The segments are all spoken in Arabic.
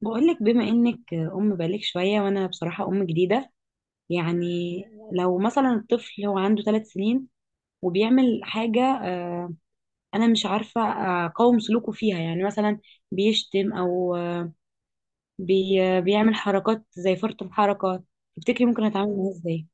بقولك بما انك ام بقالك شويه، وانا بصراحه ام جديده. يعني لو مثلا الطفل هو عنده ثلاث سنين وبيعمل حاجه، انا مش عارفه اقاوم سلوكه فيها. يعني مثلا بيشتم او، آه، بي بيعمل حركات زي فرط الحركه. تفتكري ممكن اتعامل معاه ازاي؟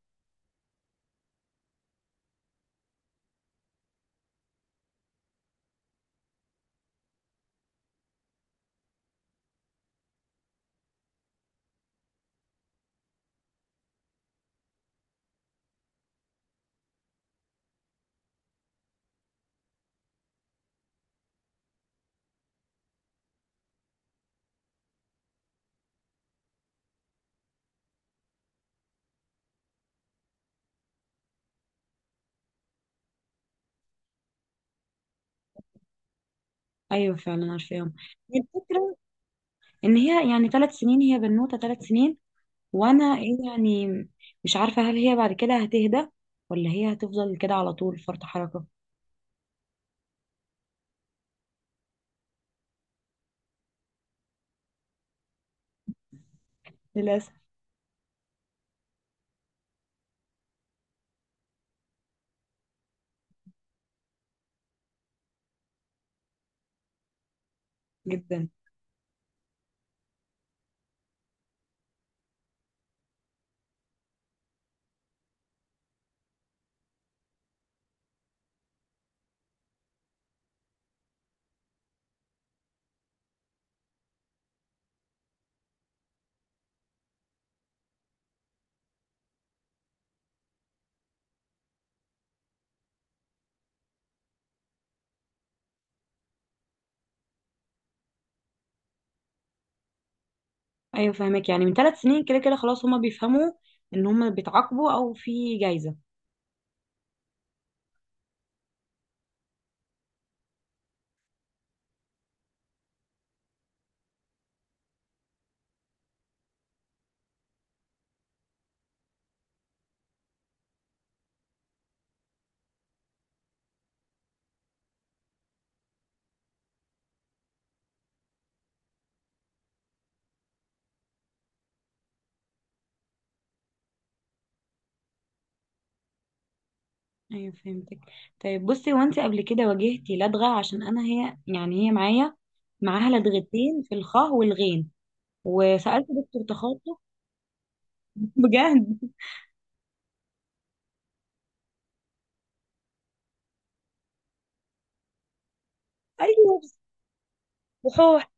ايوه فعلا عارفاهم. هي الفكره ان هي يعني ثلاث سنين، هي بنوته ثلاث سنين، وانا إيه يعني؟ مش عارفه هل هي بعد كده هتهدى، ولا هي هتفضل كده على طول فرط حركه. للاسف جدا. ايوه فاهمك، يعني من ثلاث سنين كده كده خلاص هما بيفهموا ان هما بيتعاقبوا او في جايزة. ايوه فهمتك. طيب بصي، هو انت قبل كده واجهتي لدغة؟ عشان انا هي يعني، هي معايا معاها لدغتين في الخاء والغين، وسألت دكتور تخاطب. بجد. ايوه. وحوح.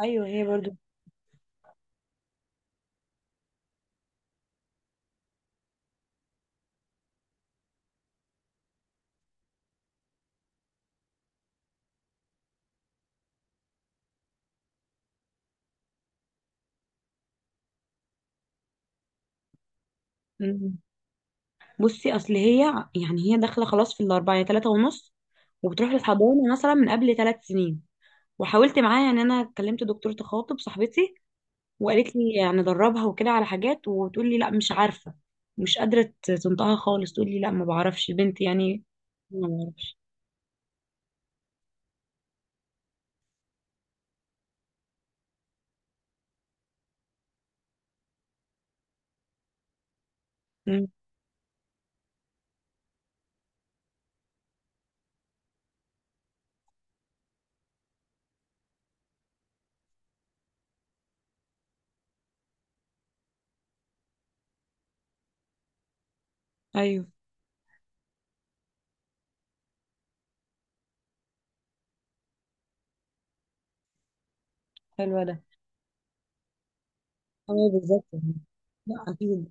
ايوه هي برضو. مم. بصي اصل هي، يعني هي داخله خلاص في الاربعه، يعني ثلاثه ونص، وبتروح للحضانه مثلا من قبل ثلاث سنين. وحاولت معاها، يعني انا كلمت دكتوره تخاطب صاحبتي وقالت لي ندربها وكده على حاجات، وتقول لي لا مش عارفة، مش قادرة تنطقها خالص. تقول لي لا ما بعرفش بنتي يعني. ما بعرفش. مم. ايوه حلوة ده. ايوه بالظبط يعني. لا اكيد.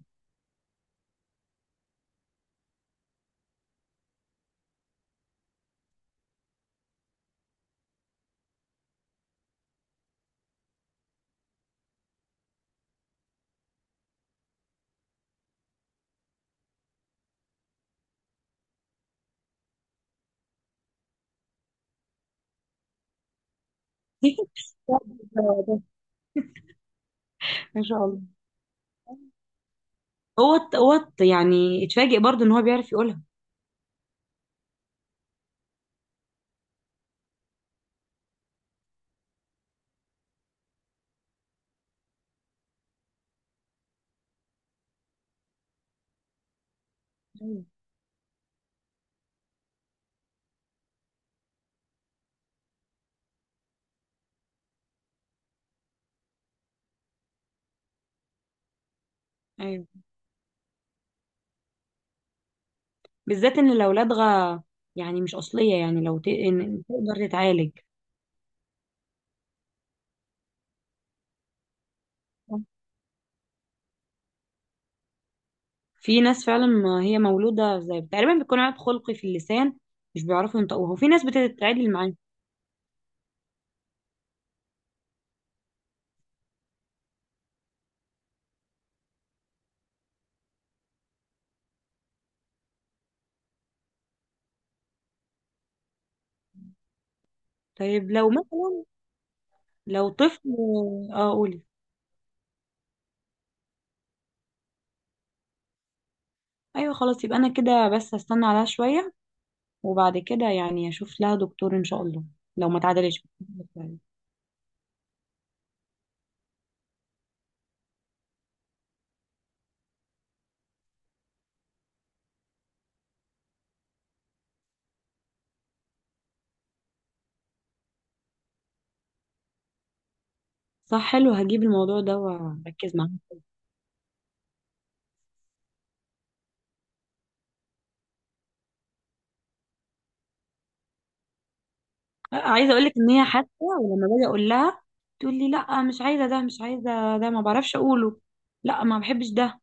ان شاء الله. يعني اتفاجئ برضو ان هو بيعرف يقولها. ايوه. ايوه بالذات ان الاولاد غا، يعني مش اصلية، يعني إن تقدر تتعالج. في ناس فعلا ما هي مولودة، زي تقريبا بيكون عيب خلقي في اللسان، مش بيعرفوا ينطقوها، وفي ناس بتتعدل معاه. طيب لو مثلا، لو طفل. اه قولي. ايوه خلاص، يبقى انا كده بس هستنى عليها شوية، وبعد كده يعني اشوف لها دكتور ان شاء الله لو ما اتعدلش. صح، حلو، هجيب الموضوع ده واركز معاه. عايزه اقول لك ان هي حتى ولما باجي اقول لها، تقول لي لا مش عايزه ده، مش عايزه ده، ما بعرفش اقوله، لا ما بحبش ده.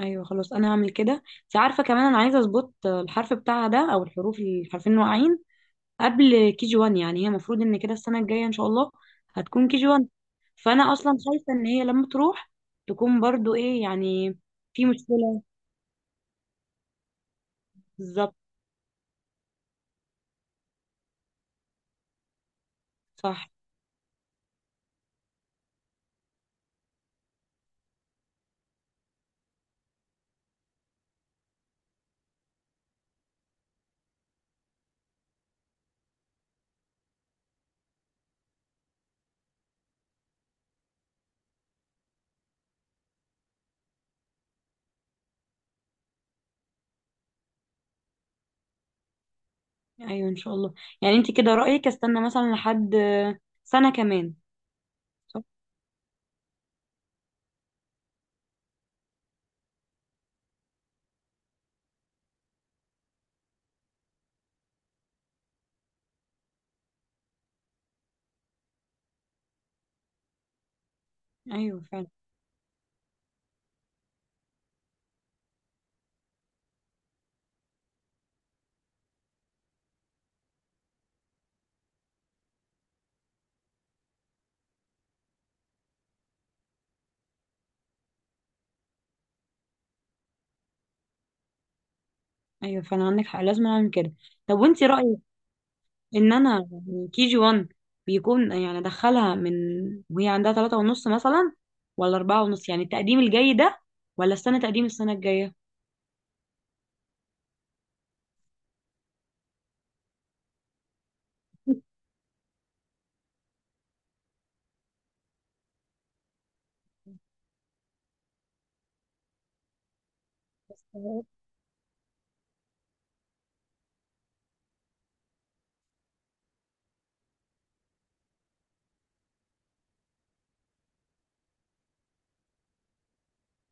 ايوه خلاص انا هعمل كده. انت عارفه كمان انا عايزه اظبط الحرف بتاعها ده، او الحروف، الحرفين اللي واقعين قبل كي جي 1. يعني هي المفروض ان كده السنه الجايه ان شاء الله هتكون كي جي 1. فانا اصلا خايفه ان هي لما تروح تكون برضو ايه يعني، في مشكله. بالظبط. صح. ايوه ان شاء الله. يعني انت كده رايك استنى مثلا لحد سنه كمان؟ صح. ايوه فعلا. ايوه فعلا عندك حق، لازم اعمل كده. طب وانت رايك ان انا يعني كي جي 1 بيكون، يعني ادخلها من وهي عندها ثلاثة ونص مثلا، ولا أربعة ونص؟ يعني التقديم الجاي ده، ولا استنى تقديم السنة الجاية؟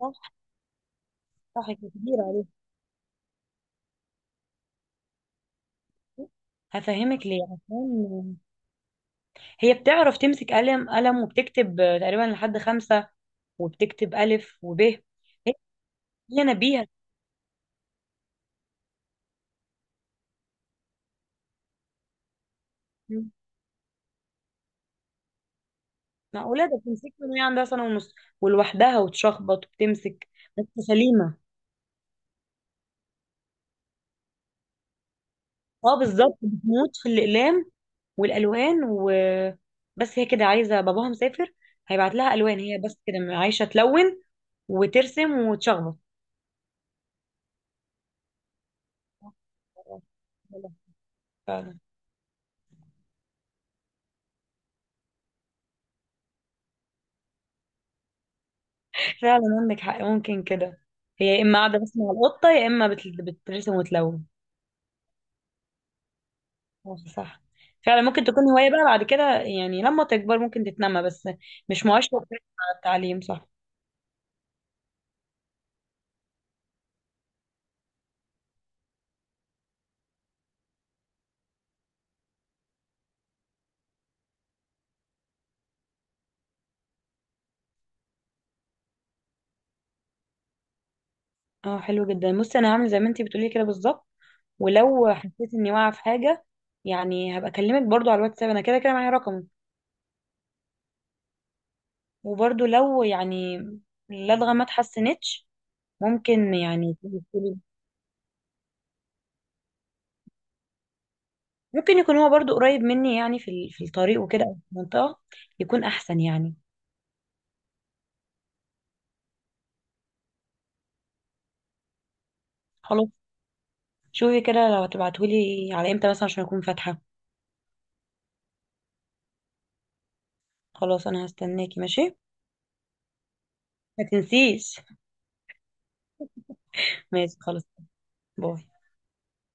صح صح، كبير عليه. هفهمك ليه، عشان هي بتعرف تمسك قلم، قلم وبتكتب تقريبا لحد خمسة، وبتكتب ألف وب. هي، هي نبيهة. معقولة؟ ده بتمسك من وهي عندها سنة ونص، ولوحدها وتشخبط وبتمسك. بس سليمة. اه بالظبط بتموت في الأقلام والالوان و، بس هي كده عايزه باباها مسافر، هيبعت لها الوان. هي بس كده عايشه تلون وترسم وتشخبط. فعلا. فعلا عندك حق، ممكن كده. هي يا اما قاعده بس مع القطه، يا اما بترسم وتلون. صح صح. فعلا ممكن تكون هوايه بقى بعد كده، يعني لما تكبر ممكن تتنمى، بس مش مؤشر كويس على التعليم. صح. اه حلو جدا، بصي انا هعمل زي ما انتي بتقولي كده بالظبط. ولو حسيت اني واقعه في حاجه، يعني هبقى اكلمك برضو على الواتساب، انا كده كده معايا رقمك. وبرضو لو يعني اللدغة ما اتحسنتش، ممكن يعني ممكن يكون هو برضو قريب مني، يعني في الطريق وكده، أو في المنطقة، يكون أحسن يعني. خلاص. شوفي كده لو هتبعتهولي على امتى مثلا عشان أكون فاتحة. خلاص أنا هستناكي، ماشي. ما تنسيش. ماشي خلاص. باي.